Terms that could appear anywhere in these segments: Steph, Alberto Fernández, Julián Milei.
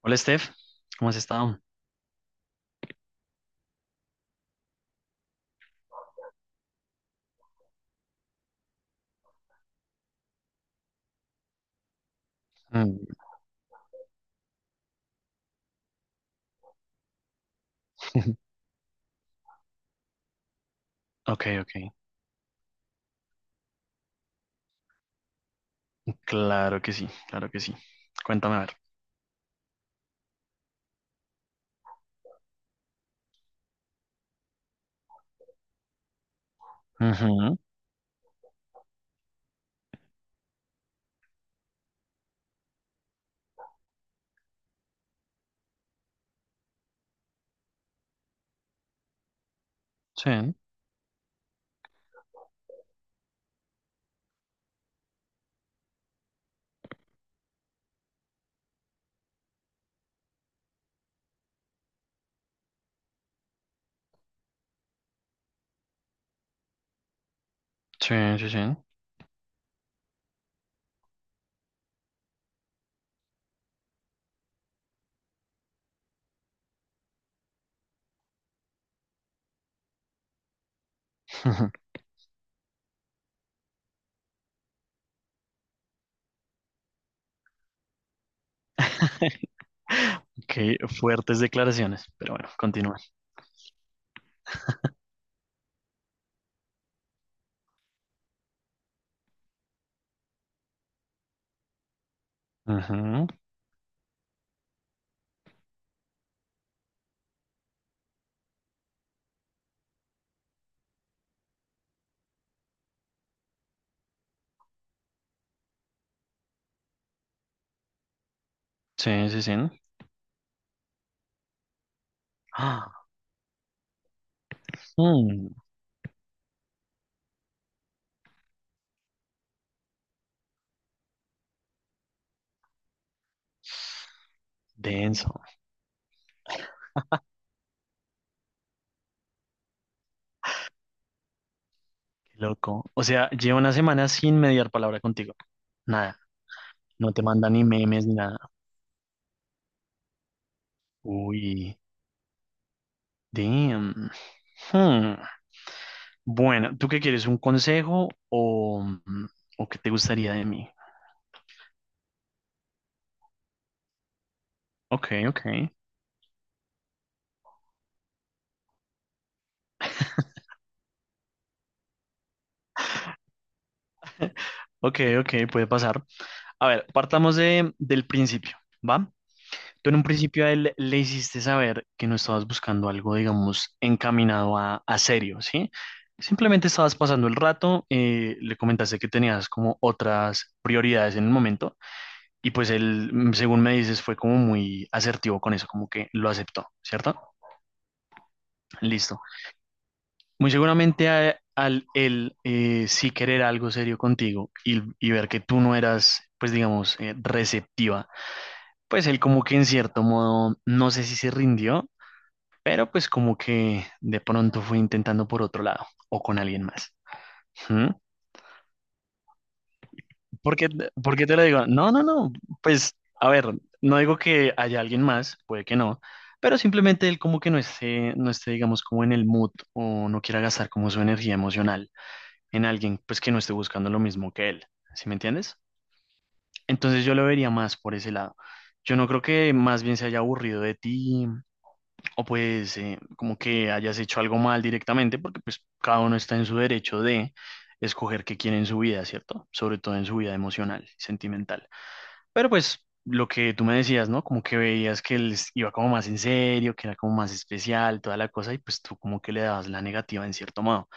Hola, Steph. ¿Cómo has estado? Mm. Ok, ok. Claro que sí, claro que sí. Cuéntame a ver. Ujú. Sí, sí, sí, sí. Ujú. Ok, fuertes declaraciones, pero bueno, continúa. Ujú. Sí, sí, sí. Ah, mm, denso, qué loco. O sea, llevo una semana sin mediar palabra contigo. Nada, no te manda ni memes ni nada. Uy, damn. Hmm. Bueno, ¿tú qué quieres? ¿Un consejo o, o qué te gustaría de mí? Ok, ok. Ok, ok, puede pasar. A ver, partamos del principio, ¿va? Tú en un principio a él le hiciste saber que no estabas buscando algo, digamos, encaminado a serio, ¿sí? Simplemente estabas pasando el rato, le comentaste que tenías como otras prioridades en el momento, y pues él, según me dices, fue como muy asertivo con eso, como que lo aceptó, ¿cierto? Listo. Muy seguramente al él sí querer algo serio contigo, y ver que tú no eras, pues digamos, receptiva, pues él como que en cierto modo, no sé si se rindió, pero pues como que de pronto fue intentando por otro lado o con alguien más. ¿Mm? ¿Por qué, por qué te lo digo? No, no, no, pues a ver, no digo que haya alguien más, puede que no. Pero simplemente él como que no esté, digamos, como en el mood o no quiera gastar como su energía emocional en alguien pues que no esté buscando lo mismo que él, ¿sí me entiendes? Entonces yo lo vería más por ese lado. Yo no creo que más bien se haya aburrido de ti, o pues como que hayas hecho algo mal directamente, porque pues cada uno está en su derecho de escoger qué quiere en su vida, ¿cierto? Sobre todo en su vida emocional, sentimental. Pero pues lo que tú me decías, ¿no? Como que veías que él iba como más en serio, que era como más especial, toda la cosa, y pues tú como que le dabas la negativa en cierto modo.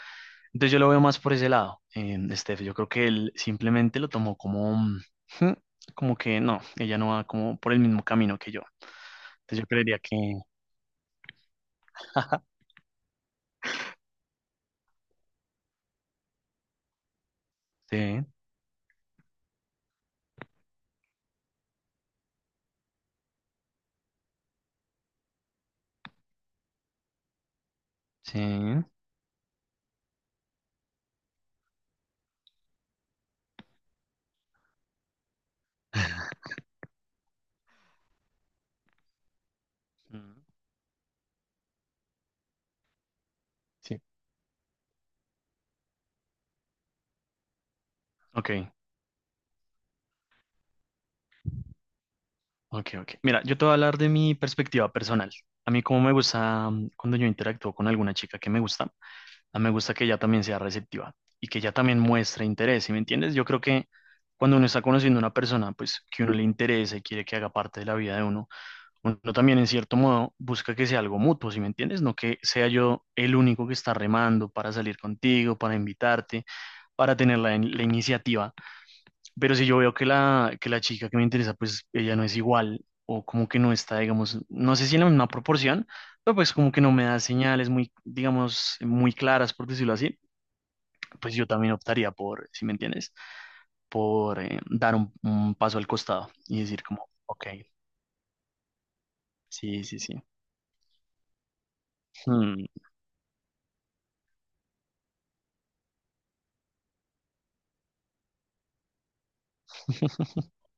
Entonces yo lo veo más por ese lado, Steph. Yo creo que él simplemente lo tomó como, "Ujú", como que no, ella no va como por el mismo camino que yo. Entonces yo creería que... Sí, sí. Mm. Sí. Ok. Ok, ok. Mira, yo te voy a hablar de mi perspectiva personal. A mí como me gusta, cuando yo interactúo con alguna chica que me gusta, a mí me gusta que ella también sea receptiva y que ella también muestre interés, ¿sí me entiendes? Yo creo que cuando uno está conociendo a una persona, pues que uno le interesa y quiere que haga parte de la vida de uno, uno también en cierto modo busca que sea algo mutuo, ¿sí me entiendes? No que sea yo el único que está remando para salir contigo, para invitarte, para tener la iniciativa, pero si yo veo que la chica que me interesa, pues ella no es igual, o como que no está, digamos, no sé si en la misma proporción, pero pues como que no me da señales muy, digamos, muy claras, por decirlo así, pues yo también optaría por, ¿si me entiendes? Por dar un paso al costado y decir como, ok. Sí, sí, sí. Hmm.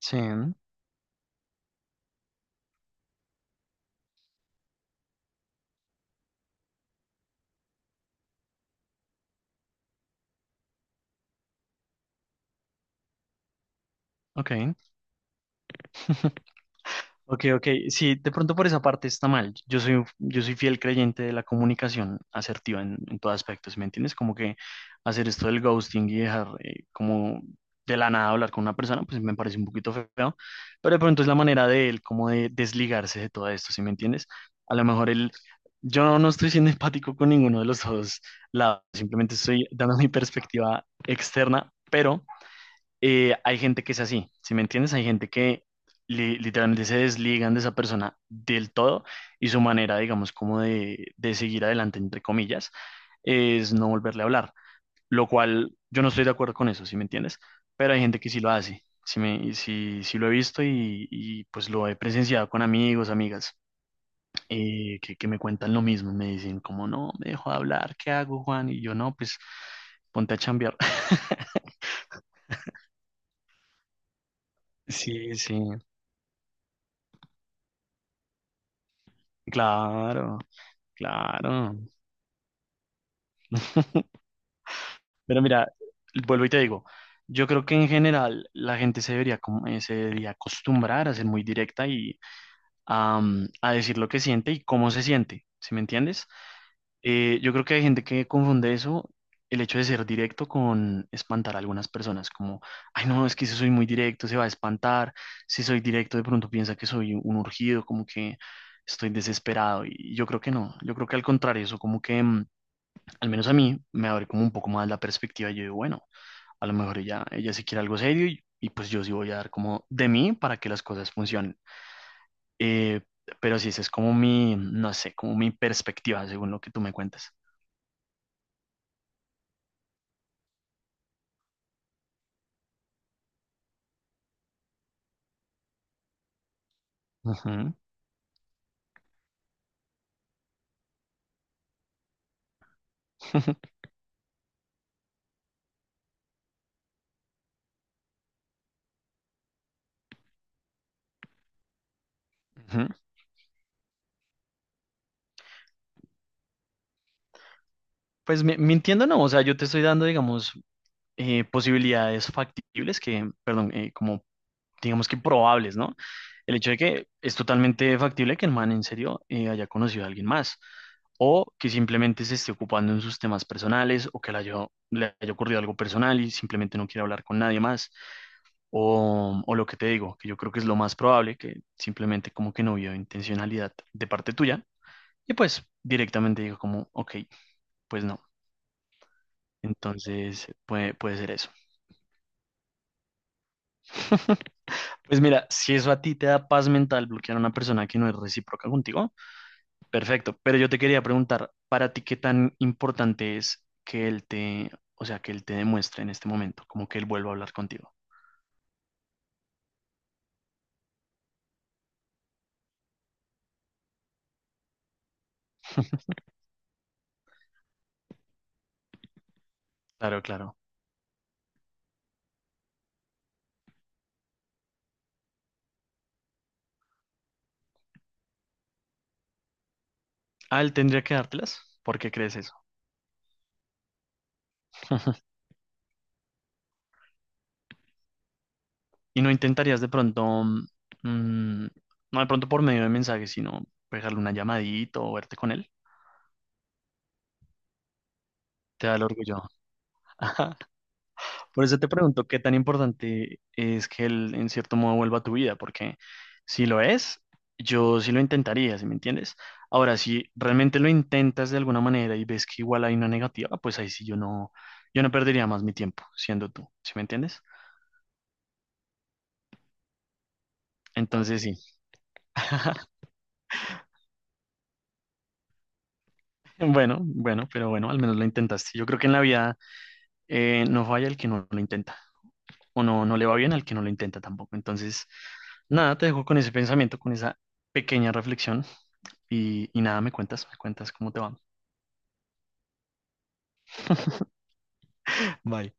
Sí, ok. Ok, ok. Sí, de pronto por esa parte está mal. Yo soy, yo soy fiel creyente de la comunicación asertiva en todo aspecto, ¿sí me entiendes? Como que hacer esto del ghosting y dejar, como de la nada, hablar con una persona, pues me parece un poquito feo, pero de pronto es la manera de él como de desligarse de todo esto, ¿sí me entiendes? A lo mejor él, yo no estoy siendo empático con ninguno de los dos lados, simplemente estoy dando mi perspectiva externa. Pero hay gente que es así, ¿si me entiendes? Hay gente que literalmente se desligan de esa persona del todo, y su manera, digamos, como de seguir adelante, entre comillas, es no volverle a hablar, lo cual yo no estoy de acuerdo con eso, ¿si me entiendes? Pero hay gente que sí lo hace. Sí, sí, sí lo he visto, pues lo he presenciado con amigos, amigas, que me cuentan lo mismo, me dicen como, no, me dejo de hablar, ¿qué hago, Juan? Y yo, no, pues ponte a chambear. Sí, sí, claro. Claro. Pero mira, vuelvo y te digo, yo creo que en general la gente se debería, se debería acostumbrar a ser muy directa, y a decir lo que siente y cómo se siente, ¿sí me entiendes? Yo creo que hay gente que confunde eso, el hecho de ser directo, con espantar a algunas personas, como, ay no, es que si soy muy directo se va a espantar, si soy directo de pronto piensa que soy un urgido, como que estoy desesperado. Y yo creo que no, yo creo que al contrario, eso como que al menos a mí, me abre como un poco más la perspectiva. Yo digo, bueno, a lo mejor ella, ella sí quiere algo serio, y pues yo sí voy a dar como de mí para que las cosas funcionen. Eh, pero sí, esa es como mi, no sé, como mi perspectiva según lo que tú me cuentas. Ujú. Pues mintiendo no, o sea, yo te estoy dando, digamos, posibilidades factibles, que, perdón, como digamos que probables, ¿no? El hecho de que es totalmente factible que el man en serio haya conocido a alguien más, o que simplemente se esté ocupando en sus temas personales, o que le haya ocurrido algo personal y simplemente no quiera hablar con nadie más, o lo que te digo, que yo creo que es lo más probable, que simplemente como que no vio intencionalidad de parte tuya, y pues directamente digo como, ok, pues no. Entonces, puede ser eso. Pues mira, si eso a ti te da paz mental bloquear a una persona que no es recíproca contigo, perfecto. Pero yo te quería preguntar, ¿para ti qué tan importante es que él te, o sea, que él te demuestre en este momento, como que él vuelva a hablar contigo? Claro, claro. Ah, él tendría que dártelas. ¿Por qué crees eso? Y no intentarías de pronto, mm, no de pronto por medio de mensajes, sino pegarle una llamadita o verte con él. Te da el orgullo. Por eso te pregunto qué tan importante es que él en cierto modo vuelva a tu vida, porque si lo es, yo sí lo intentaría, ¿sí me entiendes? Ahora, si realmente lo intentas de alguna manera y ves que igual hay una negativa, pues ahí sí yo no, perdería más mi tiempo siendo tú, ¿sí me entiendes? Entonces sí. Bueno, bueno, pero bueno, al menos lo intentaste. Yo creo que en la vida no falla el que no lo intenta, o no le va bien al que no lo intenta tampoco. Entonces, nada, te dejo con ese pensamiento, con esa pequeña reflexión. Y nada, me cuentas cómo te va. Bye.